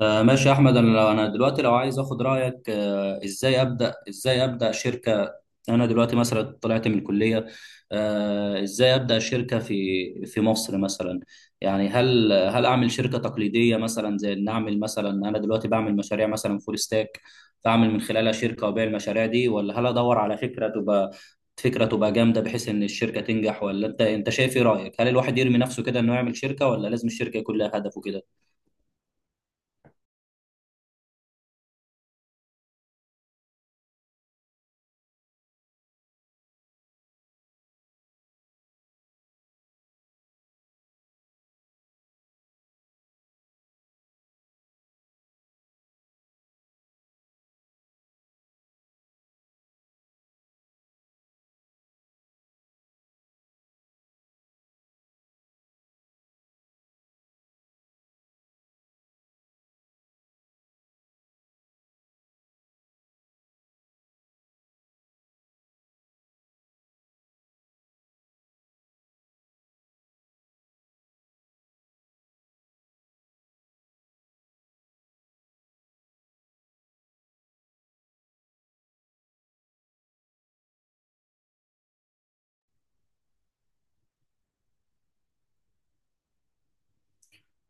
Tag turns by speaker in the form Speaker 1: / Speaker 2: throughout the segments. Speaker 1: ماشي يا احمد. انا دلوقتي لو عايز اخد رايك، ازاي ابدا شركه. انا دلوقتي مثلا طلعت من الكليه. ازاي ابدا شركه في مصر مثلا؟ يعني هل اعمل شركه تقليديه مثلا، زي ان اعمل مثلا انا دلوقتي بعمل مشاريع مثلا فول ستاك، فاعمل من خلالها شركه وابيع المشاريع دي، ولا هل ادور على فكره تبقى جامده بحيث ان الشركه تنجح؟ ولا انت شايف ايه رايك؟ هل الواحد يرمي نفسه كده انه يعمل شركه، ولا لازم الشركه يكون لها هدف وكده؟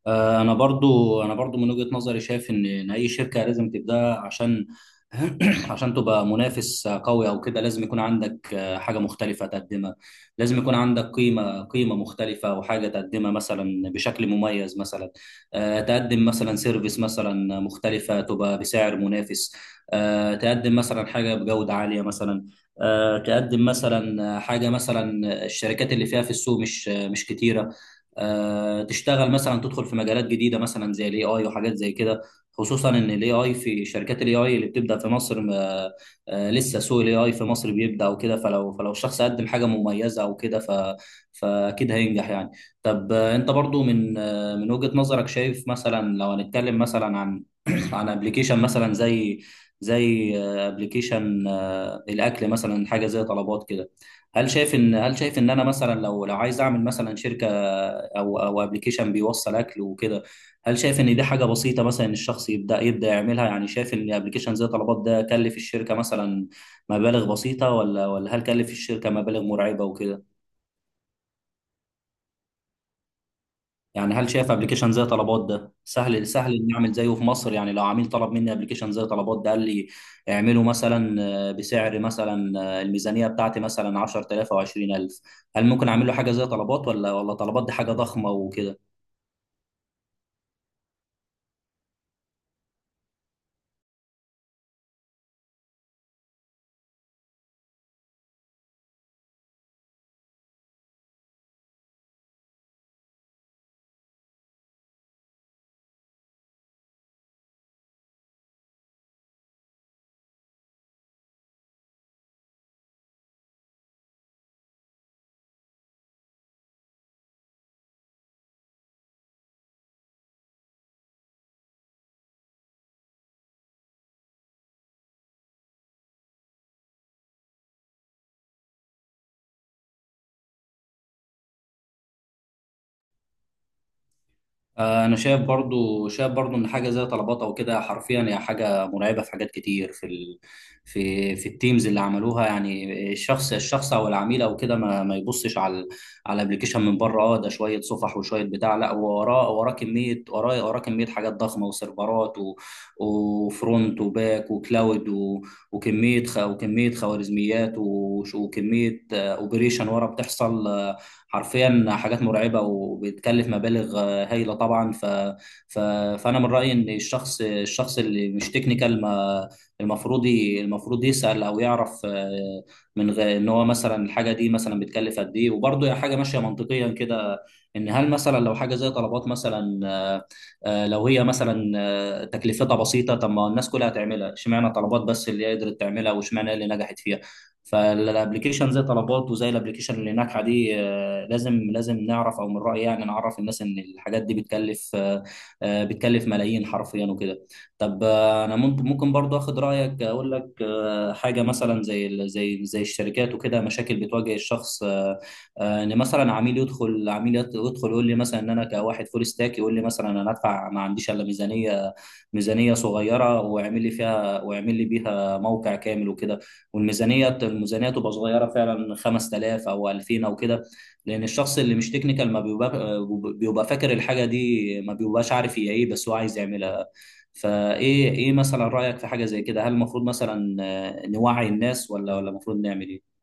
Speaker 1: انا برضو من وجهة نظري شايف ان اي شركة لازم تبدأ. عشان عشان تبقى منافس قوي او كده، لازم يكون عندك حاجة مختلفة تقدمها. لازم يكون عندك قيمة مختلفة، وحاجة تقدمها مثلا بشكل مميز. مثلا تقدم مثلا سيرفيس مثلا مختلفة تبقى بسعر منافس، تقدم مثلا حاجة بجودة عالية مثلا، تقدم مثلا حاجة مثلا الشركات اللي فيها في السوق مش كتيرة، تشتغل مثلا تدخل في مجالات جديده مثلا زي الاي اي وحاجات زي كده. خصوصا ان الاي اي، في شركات الاي اي اللي بتبدا في مصر، ما لسه سوق الاي اي في مصر بيبدا وكده. فلو الشخص قدم حاجه مميزه او كده، فاكيد هينجح يعني. طب، انت برضو من من وجهه نظرك شايف مثلا، لو هنتكلم مثلا عن عن ابلكيشن مثلا زي ابلكيشن الاكل مثلا، حاجه زي طلبات كده، هل شايف ان انا مثلا، لو عايز اعمل مثلا شركه، او ابلكيشن بيوصل اكل وكده، هل شايف ان دي حاجه بسيطه مثلا، ان الشخص يبدا يعملها؟ يعني شايف ان ابلكيشن زي طلبات ده كلف الشركه مثلا مبالغ بسيطه؟ ولا هل كلف الشركه مبالغ مرعبه وكده؟ يعني هل شايف ابلكيشن زي طلبات ده سهل اني اعمل زيه في مصر؟ يعني لو عميل طلب مني ابلكيشن زي طلبات ده، قال لي اعمله مثلا بسعر مثلا، الميزانيه بتاعتي مثلا 10,000 او 20,000، هل ممكن اعمل له حاجه زي طلبات؟ ولا طلبات دي حاجه ضخمه وكده؟ انا شايف برضو، ان حاجه زي طلبات او كده حرفيا هي حاجه مرعبه في حاجات كتير في التيمز اللي عملوها. يعني الشخص او العميل او كده، ما يبصش على الابلكيشن من بره. اه ده شويه صفح وشويه بتاع، لا وراه كميه وراه كميه حاجات ضخمه وسيرفرات وفرونت وباك وكلاود وكميه خوارزميات وكميه اوبريشن ورا بتحصل. حرفيا حاجات مرعبه وبتكلف مبالغ هايله طبعا. ف... فانا من رايي ان الشخص اللي مش تكنيكال، ما المفروض يسال او يعرف من غير ان هو مثلا الحاجه دي مثلا بتكلف قد ايه. وبرده حاجه ماشيه منطقيا كده، ان هل مثلا لو حاجه زي طلبات مثلا، لو هي مثلا تكلفتها بسيطه، طب ما الناس كلها تعملها؟ اشمعنى طلبات بس اللي هي قدرت تعملها، واشمعنى هي اللي نجحت فيها؟ فالابلكيشن زي طلبات وزي الابلكيشن اللي ناجحه دي، آه، لازم نعرف، او من رايي يعني نعرف الناس ان الحاجات دي بتكلف، بتكلف ملايين حرفيا وكده. طب، انا ممكن برضه اخد رايك، اقول لك حاجه مثلا زي الشركات وكده، مشاكل بتواجه الشخص. ان مثلا عميل يدخل عميل يت- يدخل يقول لي مثلا، ان انا كواحد فول ستاك يقول لي مثلا انا ادفع ما عنديش الا ميزانيه صغيره واعمل لي فيها، واعمل لي بيها موقع كامل وكده. والميزانيه تبقى صغيره فعلا، 5000 او 2000 او كده، لان الشخص اللي مش تكنيكال، ما بيبقى فاكر الحاجه دي. ما بيبقاش عارف هي ايه، بس هو عايز يعملها. فايه ايه مثلا رايك في حاجه زي كده؟ هل المفروض مثلا نوعي الناس؟ ولا المفروض نعمل ايه؟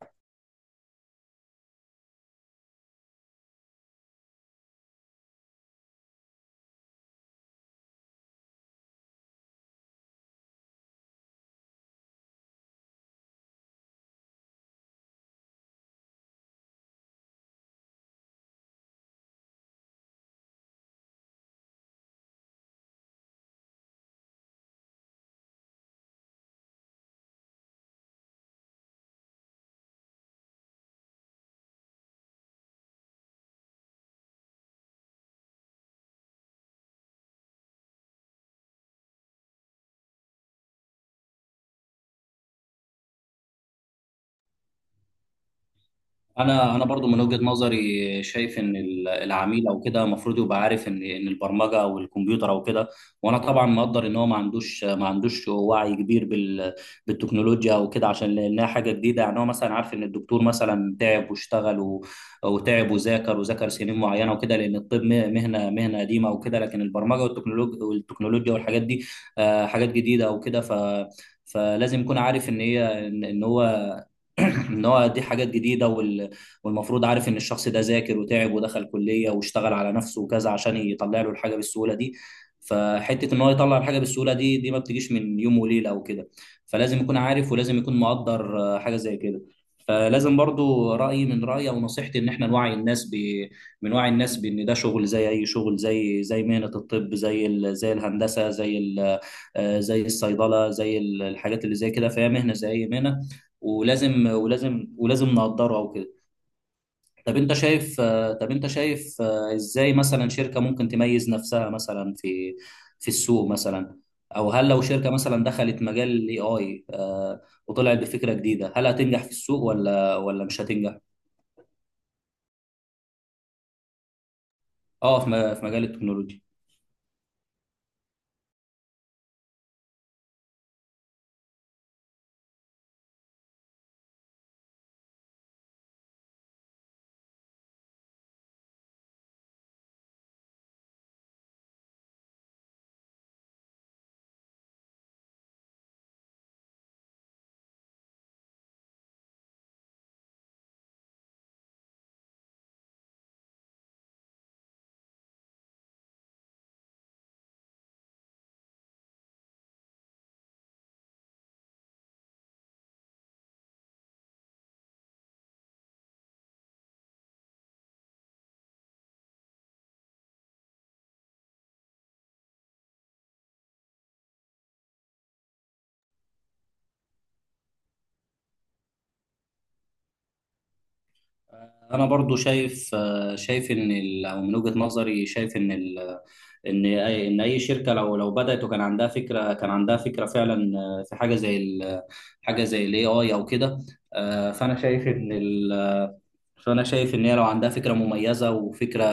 Speaker 1: انا برضو من وجهة نظري شايف العميل او كده المفروض يبقى عارف ان البرمجه او الكمبيوتر او كده. وانا طبعا مقدر ان هو ما عندوش وعي كبير بالتكنولوجيا او كده، عشان لانها حاجه جديده يعني. هو مثلا عارف ان الدكتور مثلا تعب واشتغل وتعب وذاكر سنين معينه وكده، لان الطب مهنه قديمه وكده. لكن البرمجه والتكنولوجيا والحاجات دي حاجات جديده او كده. فلازم يكون عارف ان هي ان إن هو ان هو دي حاجات جديده والمفروض عارف ان الشخص ده ذاكر وتعب ودخل كليه واشتغل على نفسه وكذا عشان يطلع له الحاجه بالسهوله دي. فحته ان هو يطلع الحاجه بالسهوله دي، دي ما بتجيش من يوم وليله او كده. فلازم يكون عارف، ولازم يكون مقدر حاجه زي كده. فلازم برضو، من رأيي أو نصيحتي إن إحنا نوعي الناس من وعي الناس بإن ده شغل زي أي شغل، زي مهنة الطب، زي الهندسة، زي الصيدلة، الحاجات اللي زي كده، فهي مهنة زي أي مهنة، ولازم نقدره او كده. طب انت شايف ازاي مثلا شركة ممكن تميز نفسها مثلا في في السوق مثلا؟ او هل لو شركة مثلا دخلت مجال الاي اي، وطلعت بفكرة جديدة، هل هتنجح في السوق، ولا مش هتنجح؟ اه، في في مجال التكنولوجيا. انا برضو شايف او من وجهة نظري شايف ان اي شركه، لو بدات وكان عندها فكره، فعلا في حاجه حاجه زي الاي اي او كده، آه، فانا شايف ان ال- فانا شايف ان هي لو عندها فكره مميزه وفكره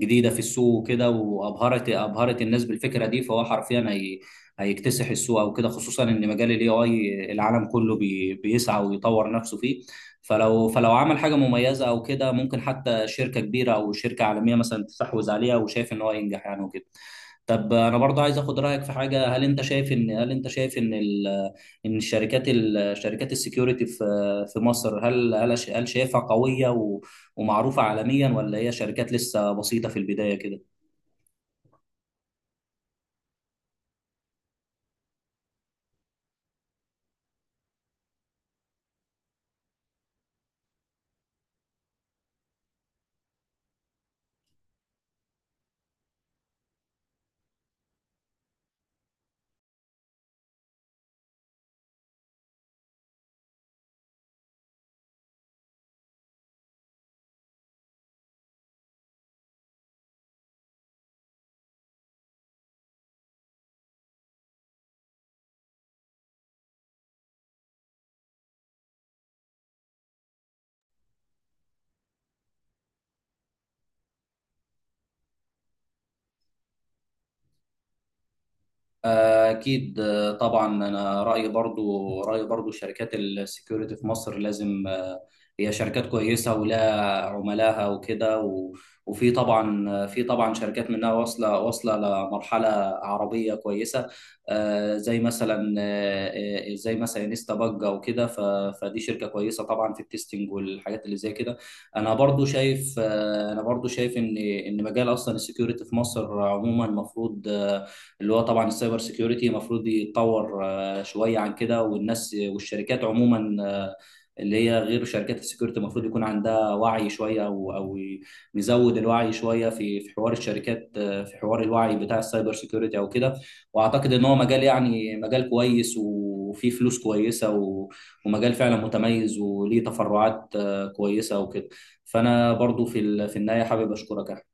Speaker 1: جديده في السوق وكده، ابهرت الناس بالفكره دي، فهو حرفيا هي هيكتسح السوق او كده، خصوصا ان مجال الاي اي العالم كله بيسعى ويطور نفسه فيه. فلو عمل حاجه مميزه او كده، ممكن حتى شركه كبيره او شركه عالميه مثلا تستحوذ عليها، وشايف ان هو ينجح يعني وكده. طب انا برضه عايز اخد رايك في حاجه. هل انت شايف ان الشركات، شركات السكيورتي في مصر، هل شايفها قوية ومعروفة عالميا، ولا هي شركات لسه بسيطة في البداية كده؟ أكيد، طبعا. أنا رأيي، برضو شركات السكيورتي في مصر، لازم هي شركات كويسة ولها عملاها وكده. وفي طبعا آه، في طبعا شركات منها واصلة لمرحلة عربية كويسة، زي مثلا انستا باج أو كده. فدي شركة كويسة طبعا في التستنج والحاجات اللي زي كده. أنا برضو شايف إن مجال أصلا السكيورتي في مصر عموما، المفروض اللي هو طبعا السايبر سيكيورتي، المفروض يتطور شويه عن كده. والناس والشركات عموما اللي هي غير شركات السكيورتي، المفروض يكون عندها وعي شويه، او نزود الوعي شويه في حوار الشركات، في حوار الوعي بتاع السايبر سيكيورتي او كده. واعتقد ان هو مجال يعني مجال كويس، وفيه فلوس كويسه، ومجال فعلا متميز، وليه تفرعات كويسه وكده. فانا برضو في النهايه حابب اشكرك يا